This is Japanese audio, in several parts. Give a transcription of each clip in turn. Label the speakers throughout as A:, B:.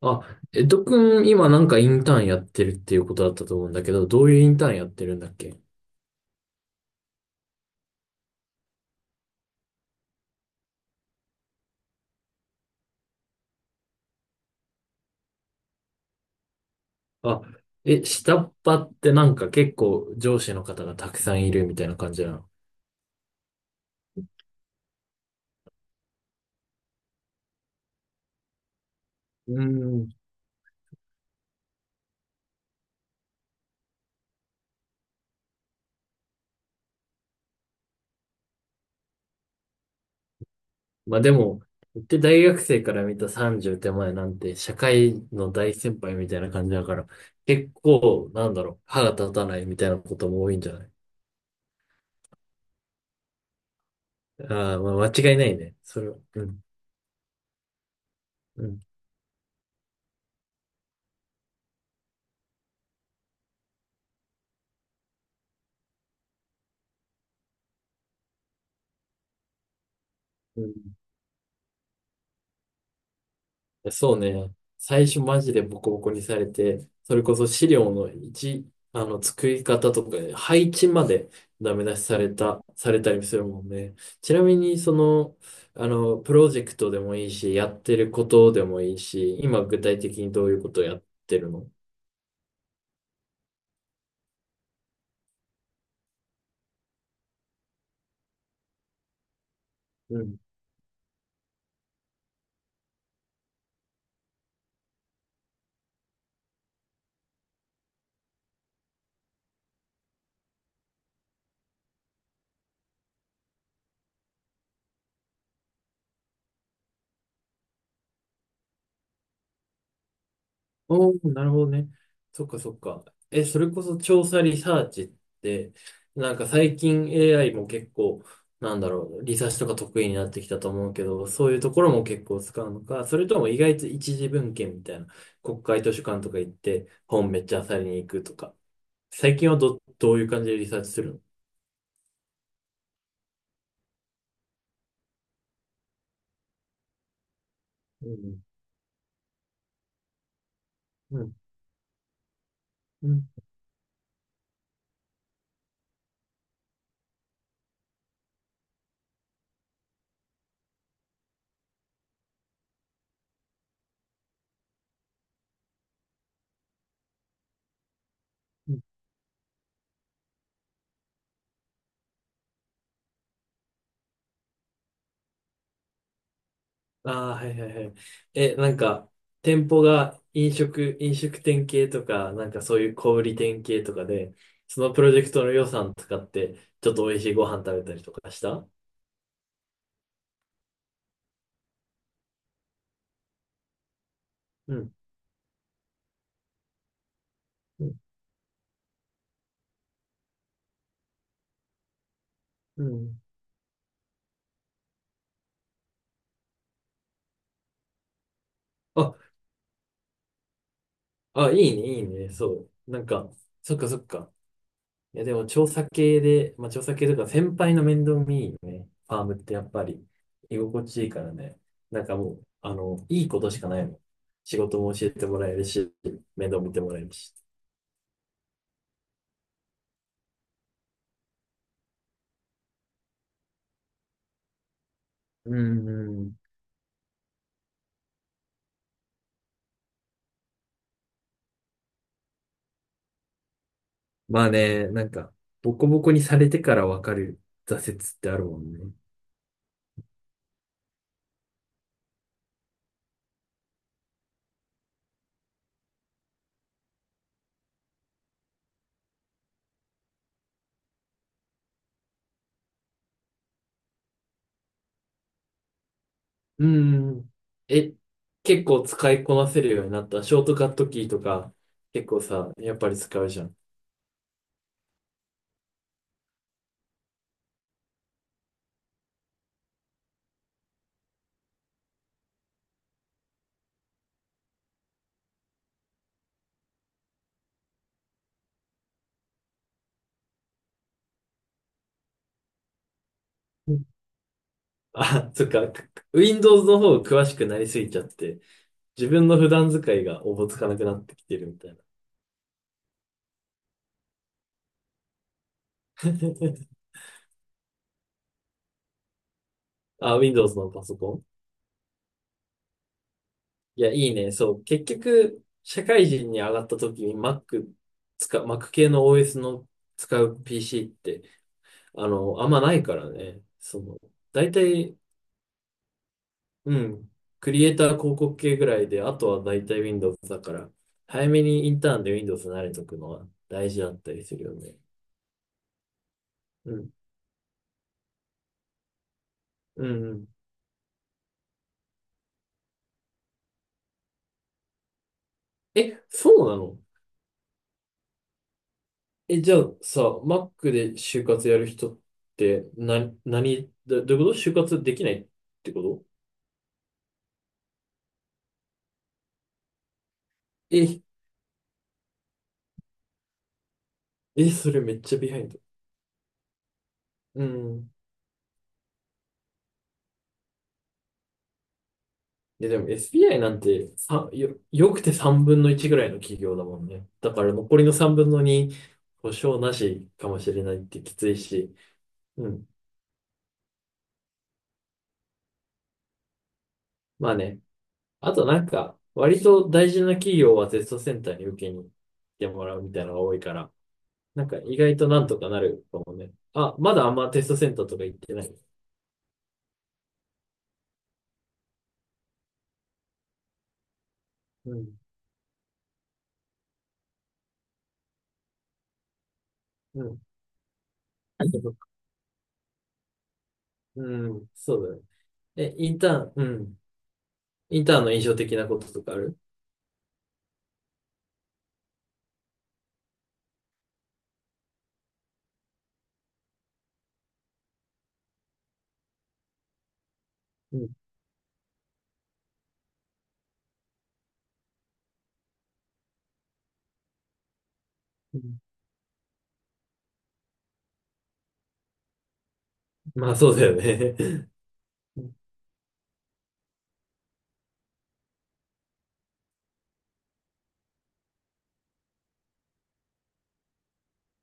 A: あ、ドくん、今インターンやってるっていうことだったと思うんだけど、どういうインターンやってるんだっけ？あ、え、下っ端ってなんか結構上司の方がたくさんいるみたいな感じなの？うーん。まあでも、言って大学生から見た30手前なんて社会の大先輩みたいな感じだから、結構、歯が立たないみたいなことも多いんじゃない？ああー、まあ間違いないね、それは。うん。うん。うん。そうね。最初マジでボコボコにされて、それこそ資料の位、あの、作り方とか、配置までダメ出しされた、されたりするもんね。ちなみに、その、あの、プロジェクトでもいいし、やってることでもいいし、今具体的にどういうことをやってるの？うん。おお、なるほどね。そっかそっか。え、それこそ調査リサーチって、なんか最近 AI も結構、なんだろう、リサーチとか得意になってきたと思うけど、そういうところも結構使うのか、それとも意外と一次文献みたいな、国会図書館とか行って本めっちゃ漁りに行くとか、最近はど、どういう感じでリサーチするの？うん、うん、うん。うん。ああー、はいはいはい。え、なんか、店舗が飲食、飲食店系とか、なんかそういう小売店系とかで、そのプロジェクトの予算使って、ちょっと美味しいご飯食べたりとかした？うん。うん。うん。あ、あ、いいね、いいね、そう。なんか、そっかそっか。いや、でも調査系とか、先輩の面倒見いいね。ファームってやっぱり、居心地いいからね。なんかもう、あの、いいことしかないもん。仕事も教えてもらえるし、面倒見てもらえるし。うんうん。まあね、なんか、ボコボコにされてからわかる挫折ってあるもんね。うんうん。え、結構使いこなせるようになった？ショートカットキーとか、結構さ、やっぱり使うじゃん。うん。あ、そっか。Windows の方詳しくなりすぎちゃって、自分の普段使いがおぼつかなくなってきてるみたいな。あ、Windows のパソコン？いや、いいね。そう。結局、社会人に上がった時に Mac 使う、Mac 系の OS の使う PC って、あの、あんまないからね。その、大体、うん、クリエイター広告系ぐらいで、あとは大体 Windows だから、早めにインターンで Windows に慣れとくのは大事だったりするよね。うん、うん、うん。え、そうなの？え、じゃあさ、Mac で就活やる人って、な、何、どどういうこと、就活できないってこと？え、え、それめっちゃビハインド。うん。いや、でも SBI なんて、よくて3分の1ぐらいの企業だもんね。だから残りの3分の2、保証なしかもしれないってきついし。うん。まあね。あとなんか、割と大事な企業はテストセンターに受けに行ってもらうみたいなのが多いから、なんか意外となんとかなるかもね。あ、まだあんまテストセンターとか行ってない？うん。うん。あ、そっか。うん。そうだね。え、インターン、うん。インターンの印象的なこととかある？うん。まあそうだよね。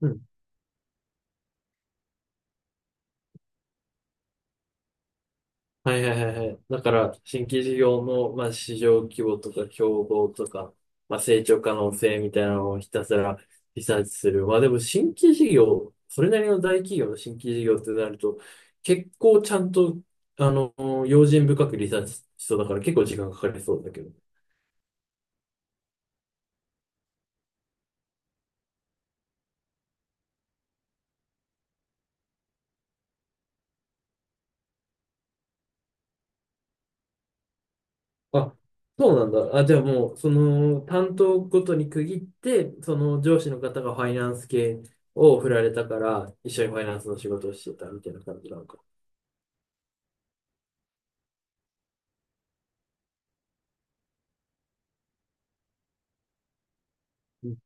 A: うん。はいはいはいはい。だから、新規事業の、まあ、市場規模とか競合とか、まあ、成長可能性みたいなのをひたすらリサーチする。まあでも新規事業、それなりの大企業の新規事業ってなると、結構ちゃんと、あの、用心深くリサーチしそうだから結構時間かかりそうだけど。あ、そうなんだ。あ、じゃあもう、その、担当ごとに区切って、その上司の方がファイナンス系を振られたから、一緒にファイナンスの仕事をしてたみたいな感じなのか。うん。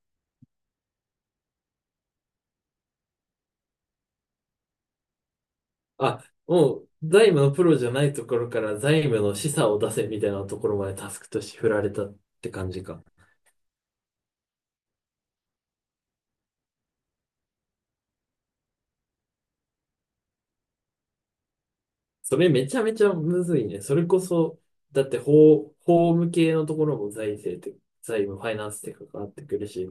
A: あ、もう、財務のプロじゃないところから財務の示唆を出せみたいなところまでタスクとして振られたって感じか。それめちゃめちゃむずいね。それこそ、だって法、法務系のところも財政って、財務、ファイナンスって関わってくるし、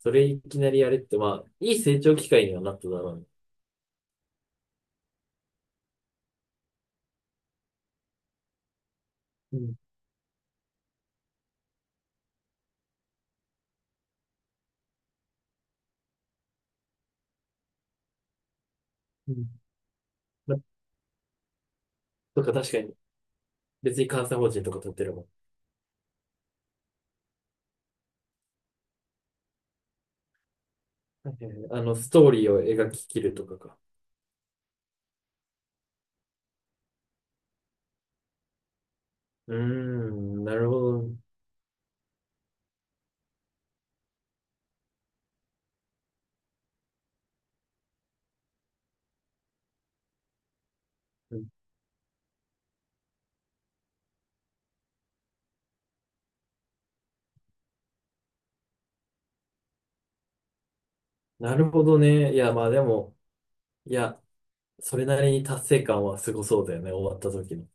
A: それいきなりやれって、まあ、いい成長機会にはなっただろうね。うん、うん。ま、とか確かに。別に監査法人とか取ってれば。はいはいはい、あの、ストーリーを描ききるとかか。うーん、なるほど。うん。なるほどね。いや、まあでも、いや、それなりに達成感はすごそうだよね、終わった時の。